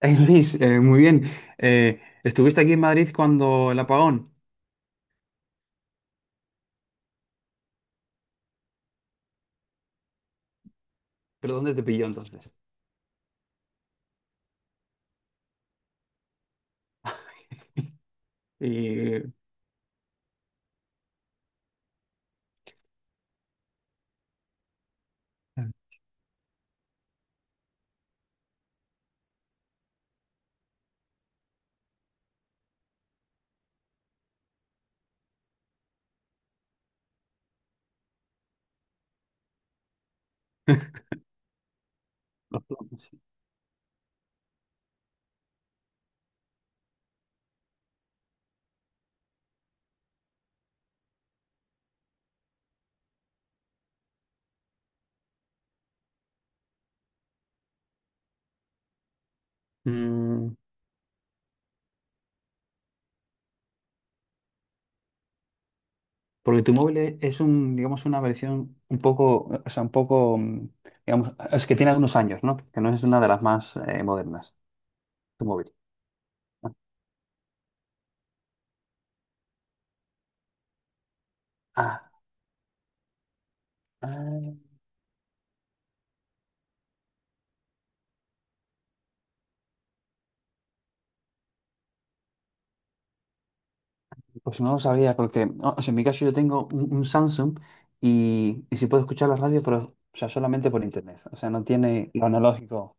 Hey Luis, muy bien. Estuviste aquí en Madrid cuando el apagón, pero ¿dónde te pilló entonces? Y. Los planes. Mm, porque tu móvil es un, digamos, una versión un poco, o sea, un poco, digamos, es que tiene algunos años, ¿no? Que no es una de las más modernas, tu móvil. Ah, ah, pues no lo sabía, porque, o sea, en mi caso yo tengo un Samsung y sí puedo escuchar la radio, pero, o sea, solamente por internet, o sea, no tiene lo analógico.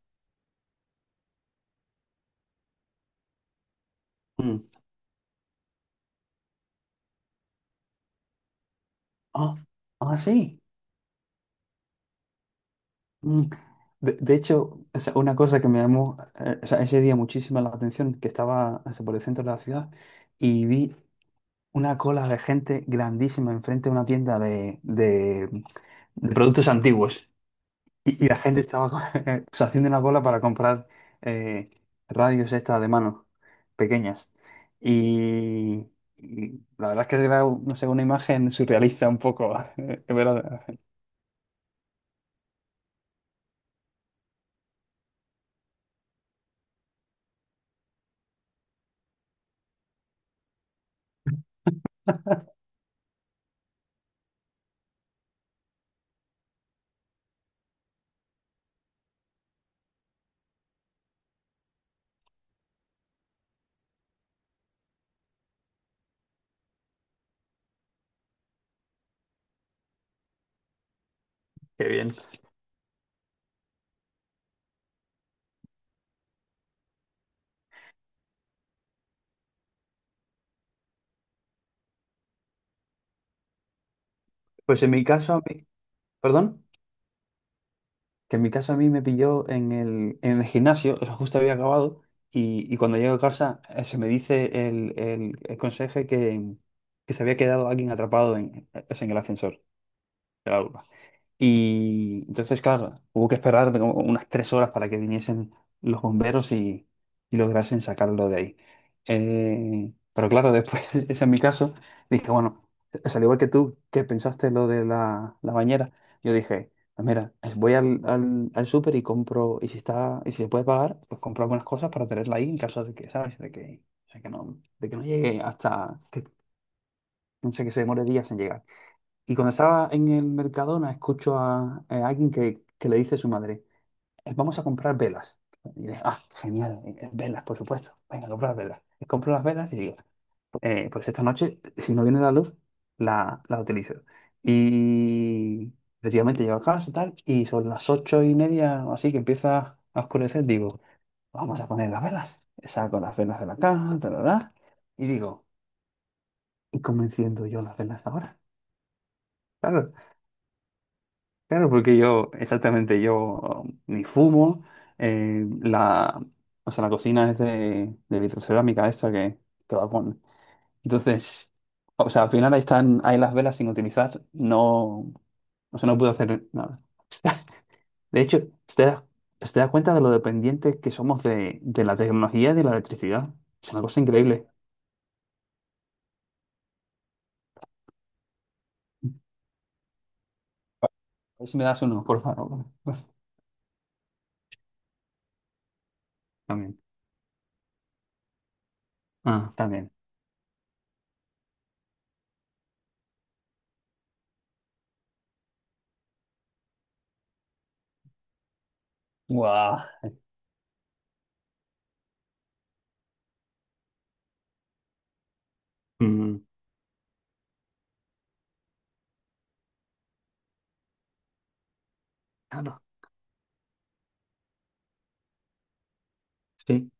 Ah, ah, sí. Mm. De hecho, o sea, una cosa que me llamó, o sea, ese día muchísima la atención, que estaba, o sea, por el centro de la ciudad y vi una cola de gente grandísima enfrente de una tienda de productos antiguos. Y la gente estaba o sea, haciendo una cola para comprar, eh, radios estas de mano, pequeñas. Y, y la verdad es que era, no sé, una imagen surrealista un poco. Qué bien. Pues en mi caso, perdón, que en mi casa a mí me pilló en el gimnasio, eso justo había acabado, y cuando llego a casa, se me dice el, el conserje que se había quedado alguien atrapado en el ascensor de la urba. Y entonces, claro, hubo que esperar como unas 3 horas para que viniesen los bomberos y lograsen sacarlo de ahí. Pero claro, después, ese es mi caso, dije, bueno, es al igual que tú, que pensaste lo de la bañera, yo dije, "Pues mira, voy al súper y compro, y si está, y si se puede pagar, pues compro algunas cosas para tenerla ahí en caso de que, ¿sabes? De que, o sea, que no, de que no llegue hasta que, no sé, que se demore días en llegar". Y cuando estaba en el Mercadona, escucho a alguien que le dice a su madre, Vamos a comprar velas". Y digo, ah, genial, velas, por supuesto. Venga, a comprar velas. Y compro las velas y digo, Pues esta noche, si no viene la luz, la utilizo". Y efectivamente llego a casa y tal, y son las 8:30 o así, que empieza a oscurecer, digo, vamos a poner las velas. Saco las velas de la caja, tal, tal, tal, y digo, ¿y cómo enciendo yo las velas ahora? Claro, claro, porque yo, exactamente, yo ni fumo, eh, la, o sea, la cocina es de vitrocerámica esta que va con. Entonces, o sea, al final ahí están, ahí las velas sin utilizar, no, o sea, no puedo hacer nada. De hecho, ¿usted da, usted da cuenta de lo dependientes que somos de la tecnología y de la electricidad? Es una cosa increíble. A ver si me das uno, por favor. También. Ah, también. Guau. Mm, claro, sí.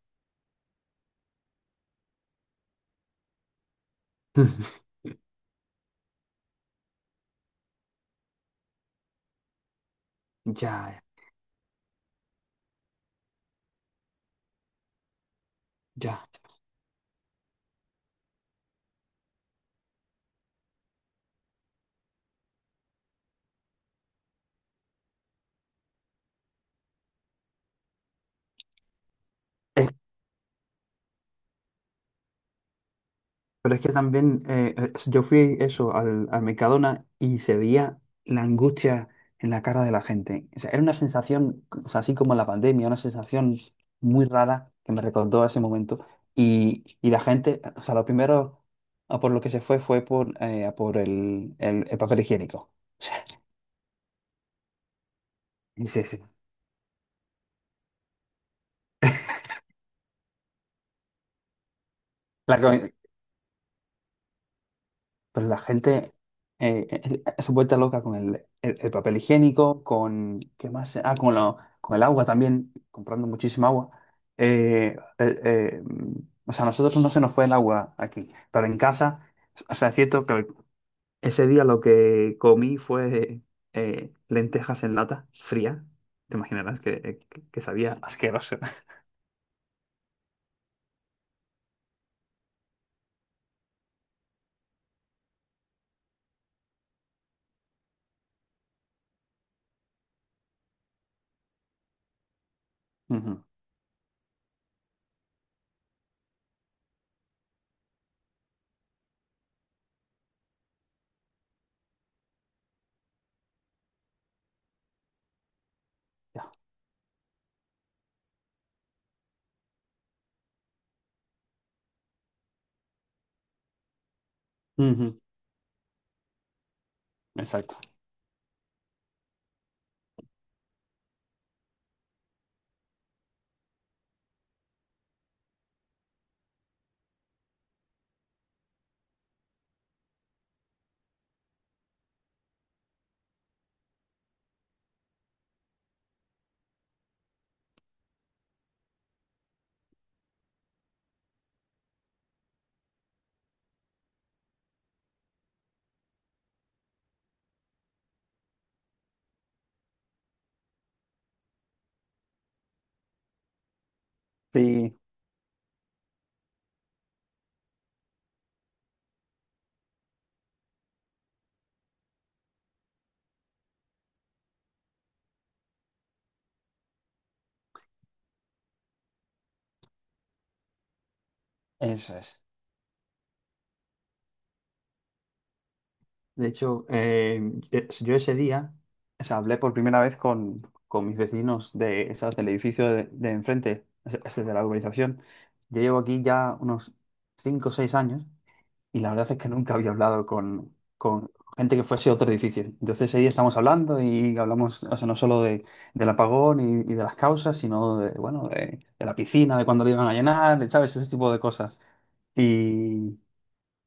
Ya. Ya. Es- pero es que también, yo fui eso al Mercadona y se veía la angustia en la cara de la gente. O sea, era una sensación, o sea, así como la pandemia, una sensación muy rara que me recordó a ese momento. Y la gente, o sea, lo primero a por lo que se fue fue por, a por el papel higiénico. O sea, sí, sí. La, co- Pero la gente se vuelta loca con el papel higiénico, con, ¿qué más? Ah, con, con el agua también, comprando muchísima agua. Eh, eh, eh, mm, o sea, a nosotros no se nos fue el agua aquí, pero en casa, o sea, es cierto que ese día lo que comí fue, lentejas en lata, fría. Te imaginarás que sabía asqueroso. Ujú, ya. Ujú, exacto. Sí, eso es. De hecho, yo ese día, o sea, hablé por primera vez con mis vecinos de, ¿sabes?, del edificio de enfrente, es de la urbanización. Yo llevo aquí ya unos 5 o 6 años y la verdad es que nunca había hablado con gente que fuese otro edificio. Entonces ese día estamos hablando y hablamos, o sea, no solo del apagón y de las causas, sino bueno, de la piscina, de cuándo la iban a llenar, ¿sabes? Ese tipo de cosas.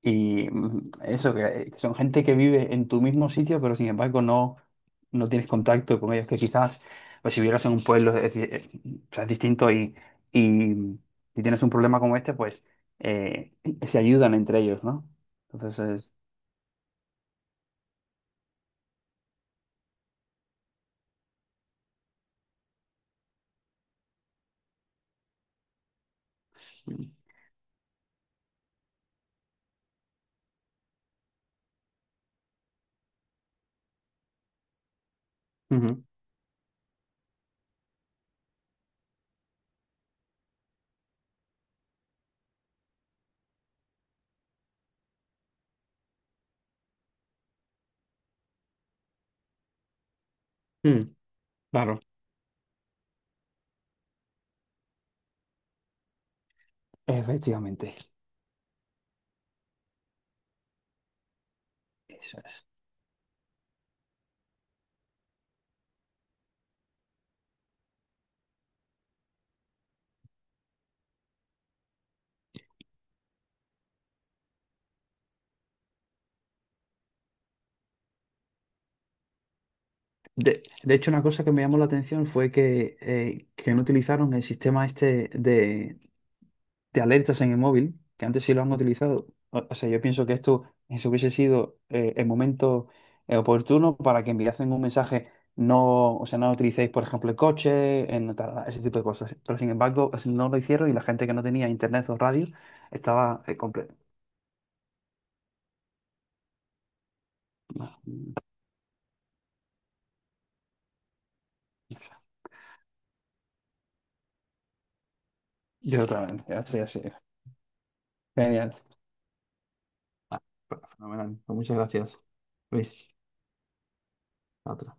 Y, eso, que son gente que vive en tu mismo sitio, pero sin embargo no tienes contacto con ellos, que quizás, pues si vivieras en un pueblo, o sea, es distinto y si tienes un problema como este, pues eh, se ayudan entre ellos, ¿no? Entonces. Ujú. Mm, claro. Efectivamente, eso es. De hecho, una cosa que me llamó la atención fue que no utilizaron el sistema este de alertas en el móvil, que antes sí lo han utilizado. O sea, yo pienso que esto eso hubiese sido, el momento, oportuno para que enviasen un mensaje, no, o sea, no utilicéis, por ejemplo, el coche, ese tipo de cosas. Pero sin embargo, no lo hicieron y la gente que no tenía internet o radio estaba, o sea, yo totalmente, así, así. Genial. Ah, fenomenal. Pues muchas gracias, Luis. Otra.